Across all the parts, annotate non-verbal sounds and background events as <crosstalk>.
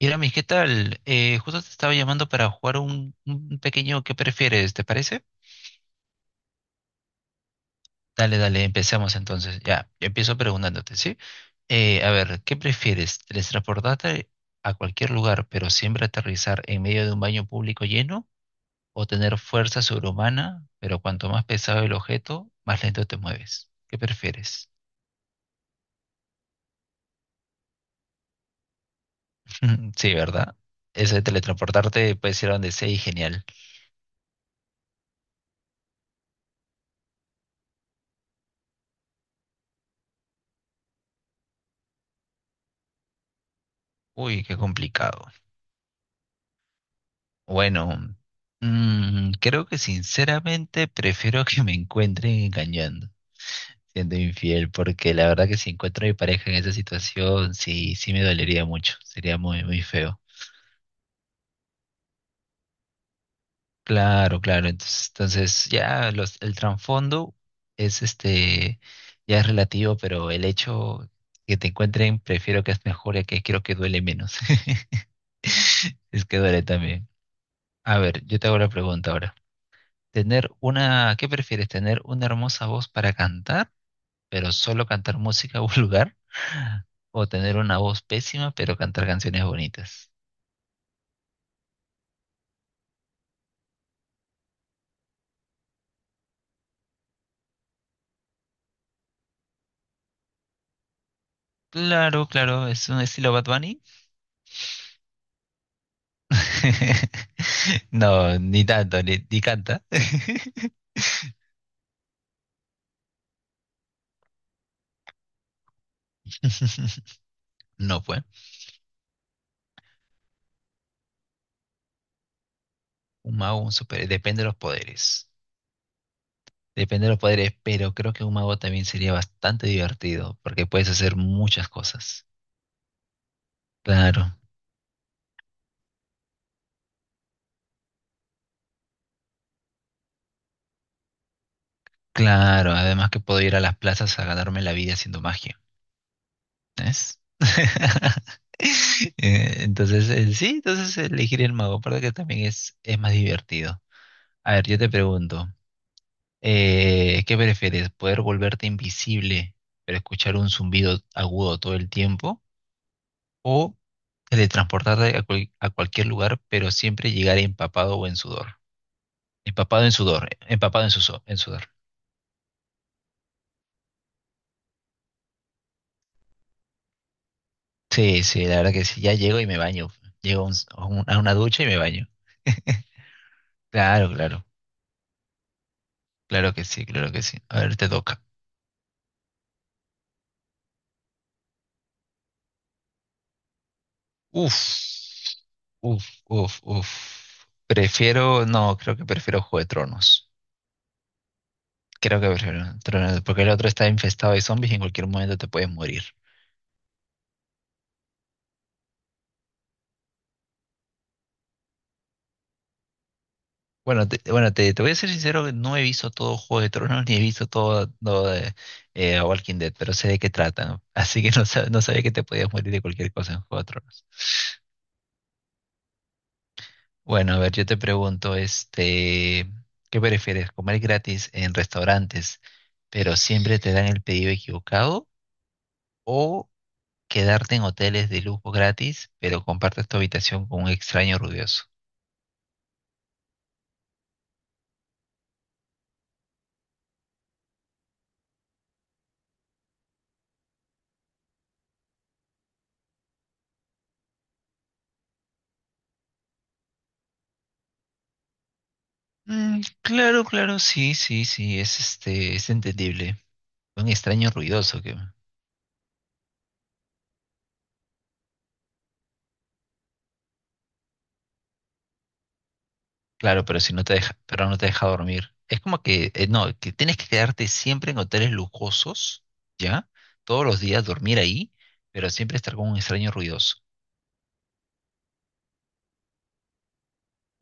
Iramis, ¿qué tal? Justo te estaba llamando para jugar un pequeño ¿qué prefieres? ¿Te parece? Dale, empecemos entonces. Ya, yo empiezo preguntándote, ¿sí? A ver, ¿qué prefieres? ¿Teletransportarte a cualquier lugar, pero siempre aterrizar en medio de un baño público lleno? ¿O tener fuerza sobrehumana, pero cuanto más pesado el objeto, más lento te mueves? ¿Qué prefieres? <laughs> Sí, ¿verdad? Eso de teletransportarte puedes ir a donde sea y genial. Uy, qué complicado. Bueno, creo que sinceramente prefiero que me encuentren engañando, siendo infiel, porque la verdad que si encuentro a mi pareja en esa situación, sí, sí me dolería mucho, sería muy, muy feo. Claro, claro, entonces ya el trasfondo es este, ya es relativo, pero el hecho que te encuentren, prefiero que es mejor y que quiero que duele menos. <laughs> Es que duele también. A ver, yo te hago la pregunta ahora. Tener una, ¿qué prefieres? ¿Tener una hermosa voz para cantar, pero solo cantar música <laughs> vulgar? ¿O tener una voz pésima, pero cantar canciones bonitas? Claro, claro, es un estilo Bad Bunny. <laughs> No, ni tanto, ni, ni canta. <laughs> No, pues. Un mago, un super. Depende de los poderes. Depende de los poderes, pero creo que un mago también sería bastante divertido, porque puedes hacer muchas cosas. Claro. Claro, además que puedo ir a las plazas a ganarme la vida haciendo magia, ¿ves? <laughs> Entonces, sí, entonces elegir el mago, aparte que también es más divertido. A ver, yo te pregunto, ¿qué prefieres? ¿Poder volverte invisible, pero escuchar un zumbido agudo todo el tiempo? ¿O teletransportarte a, a cualquier lugar, pero siempre llegar empapado o en sudor? Empapado en sudor, empapado en, en sudor. Sí, sí, la verdad que sí. Ya llego y me baño. Llego a, a una ducha y me baño. Claro, claro. Claro que sí, claro que sí. A ver, te toca. Uf, uf, uf, uf. Prefiero, no, creo que prefiero Juego de Tronos. Creo que prefiero Tronos, porque el otro está infestado de zombies y en cualquier momento te puedes morir. Bueno, te voy a ser sincero, no he visto todo Juego de Tronos ni he visto todo, todo de, Walking Dead, pero sé de qué tratan. <laughs> Así que no, no sabía que te podías morir de cualquier cosa en Juego de Tronos. Bueno, a ver, yo te pregunto, este, ¿qué prefieres? ¿Comer gratis en restaurantes, pero siempre te dan el pedido equivocado? ¿O quedarte en hoteles de lujo gratis, pero compartes tu habitación con un extraño ruidoso? Mm, claro, claro, sí, sí, sí, es este, es entendible. Un extraño ruidoso que Claro, pero si no te deja, pero no te deja dormir. Es como que, no, que tienes que quedarte siempre en hoteles lujosos, ¿ya? Todos los días dormir ahí, pero siempre estar con un extraño ruidoso.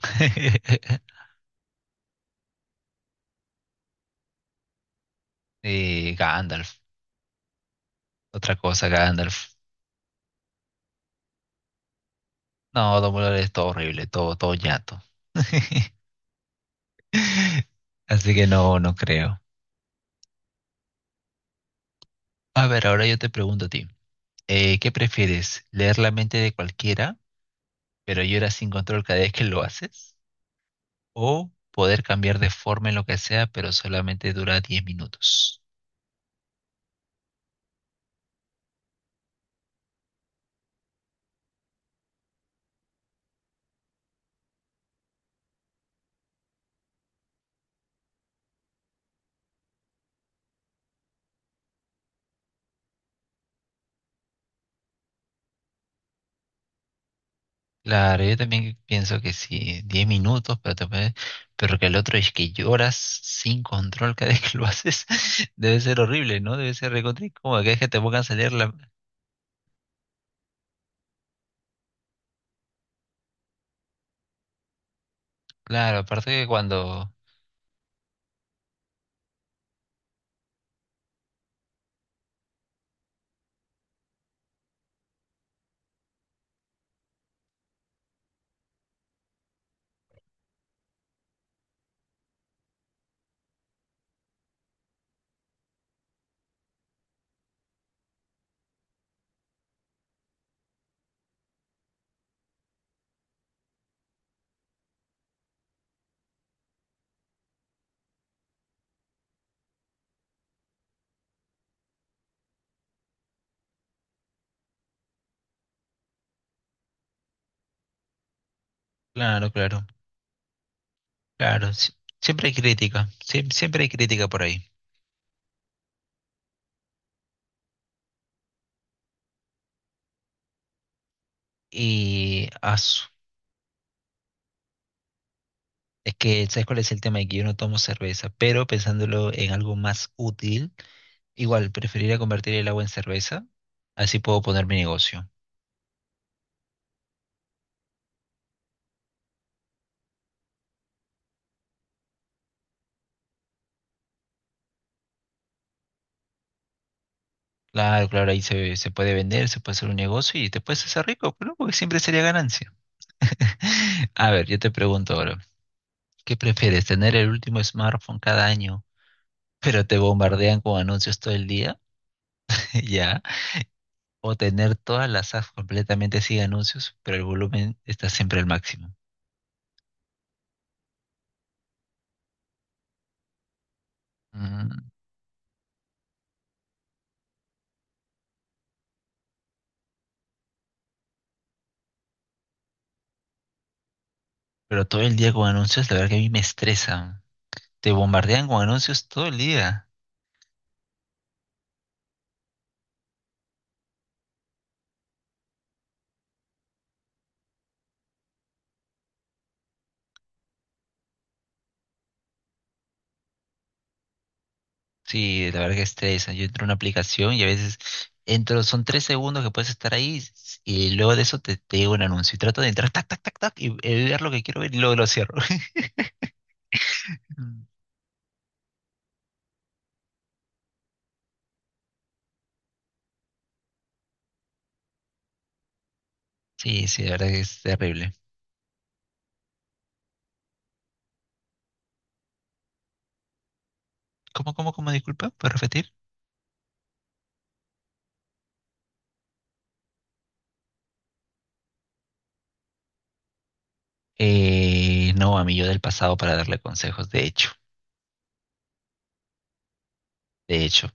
<laughs> Gandalf, otra cosa, Gandalf. No, Dumbledore es todo horrible, todo, todo ñato. <laughs> Así que no, no creo. A ver, ahora yo te pregunto a ti, ¿qué prefieres? ¿Leer la mente de cualquiera, pero lloras sin control cada vez que lo haces? O poder cambiar de forma en lo que sea, pero solamente dura 10 minutos. Claro, yo también pienso que sí, 10 minutos, pero, pero que el otro es que lloras sin control cada <laughs> vez que lo haces, <laughs> debe ser horrible, ¿no? Debe ser recontra incómodo, que es que te pongan salir la... Claro, aparte que cuando... Claro, claro, claro, sí, siempre hay crítica, sí, siempre hay crítica por ahí. Y asu, Es que, ¿sabes cuál es el tema? Que yo no tomo cerveza, pero pensándolo en algo más útil, igual preferiría convertir el agua en cerveza, así puedo poner mi negocio. Claro, claro, se puede vender, se puede hacer un negocio y te puedes hacer rico, ¿no? Porque siempre sería ganancia. <laughs> A ver, yo te pregunto ahora, ¿qué prefieres, tener el último smartphone cada año, pero te bombardean con anuncios todo el día? <laughs> ¿Ya? ¿O tener todas las apps completamente sin anuncios, pero el volumen está siempre al máximo? Mm. Pero todo el día con anuncios, la verdad que a mí me estresan. Te bombardean con anuncios todo el día. Sí, la verdad que estresa. Yo entro a una aplicación y a veces entro, son 3 segundos que puedes estar ahí y luego de eso te llega un anuncio. Y trato de entrar, tac, tac, tac, tac, y ver lo que quiero ver y luego lo cierro. <laughs> Mm. Sí, sí, la verdad que es terrible. ¿Cómo, cómo, cómo? Disculpa, ¿puedes repetir? No, a mi yo del pasado para darle consejos, de hecho,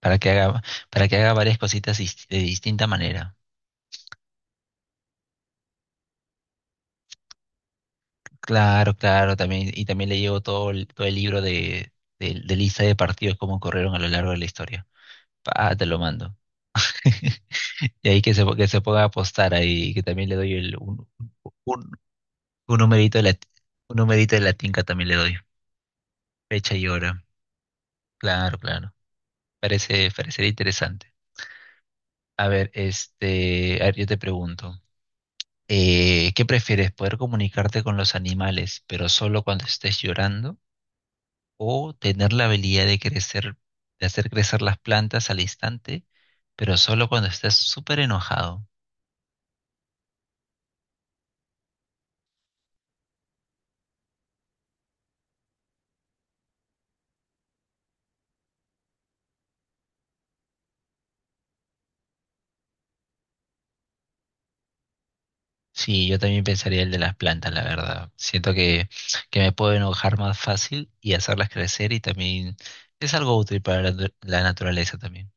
para que haga, para que haga varias cositas de distinta manera. Claro, claro, también, y también le llevo todo el libro de, de lista de partidos, cómo corrieron a lo largo de la historia. Ah, te lo mando. <laughs> Y ahí que se ponga a apostar ahí, que también le doy un, un numerito de la, un numerito de la tinca también le doy. Fecha y hora. Claro, claro. Parece, parecería interesante. A ver, este, a ver, yo te pregunto, ¿qué prefieres? ¿Poder comunicarte con los animales, pero solo cuando estés llorando? O tener la habilidad de crecer, de hacer crecer las plantas al instante, pero solo cuando estés súper enojado. Sí, yo también pensaría el de las plantas, la verdad. Siento que me puedo enojar más fácil y hacerlas crecer y también es algo útil para la, la naturaleza también.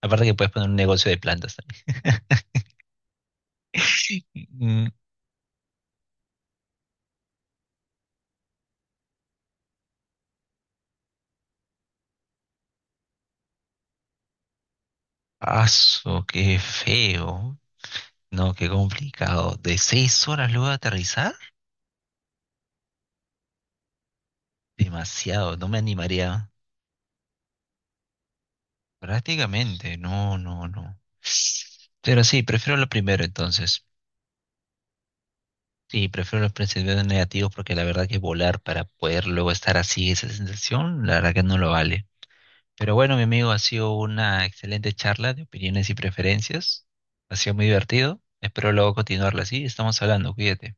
Aparte que puedes poner un negocio de plantas también. <laughs> Mm, Aso, qué feo. No, qué complicado. ¿De 6 horas luego de aterrizar? Demasiado, no me animaría. Prácticamente, no, no, no. Pero sí, prefiero lo primero entonces. Sí, prefiero los pensamientos negativos porque la verdad que volar para poder luego estar así, esa sensación, la verdad que no lo vale. Pero bueno, mi amigo, ha sido una excelente charla de opiniones y preferencias. Ha sido muy divertido. Espero luego continuarla así. Estamos hablando, cuídate.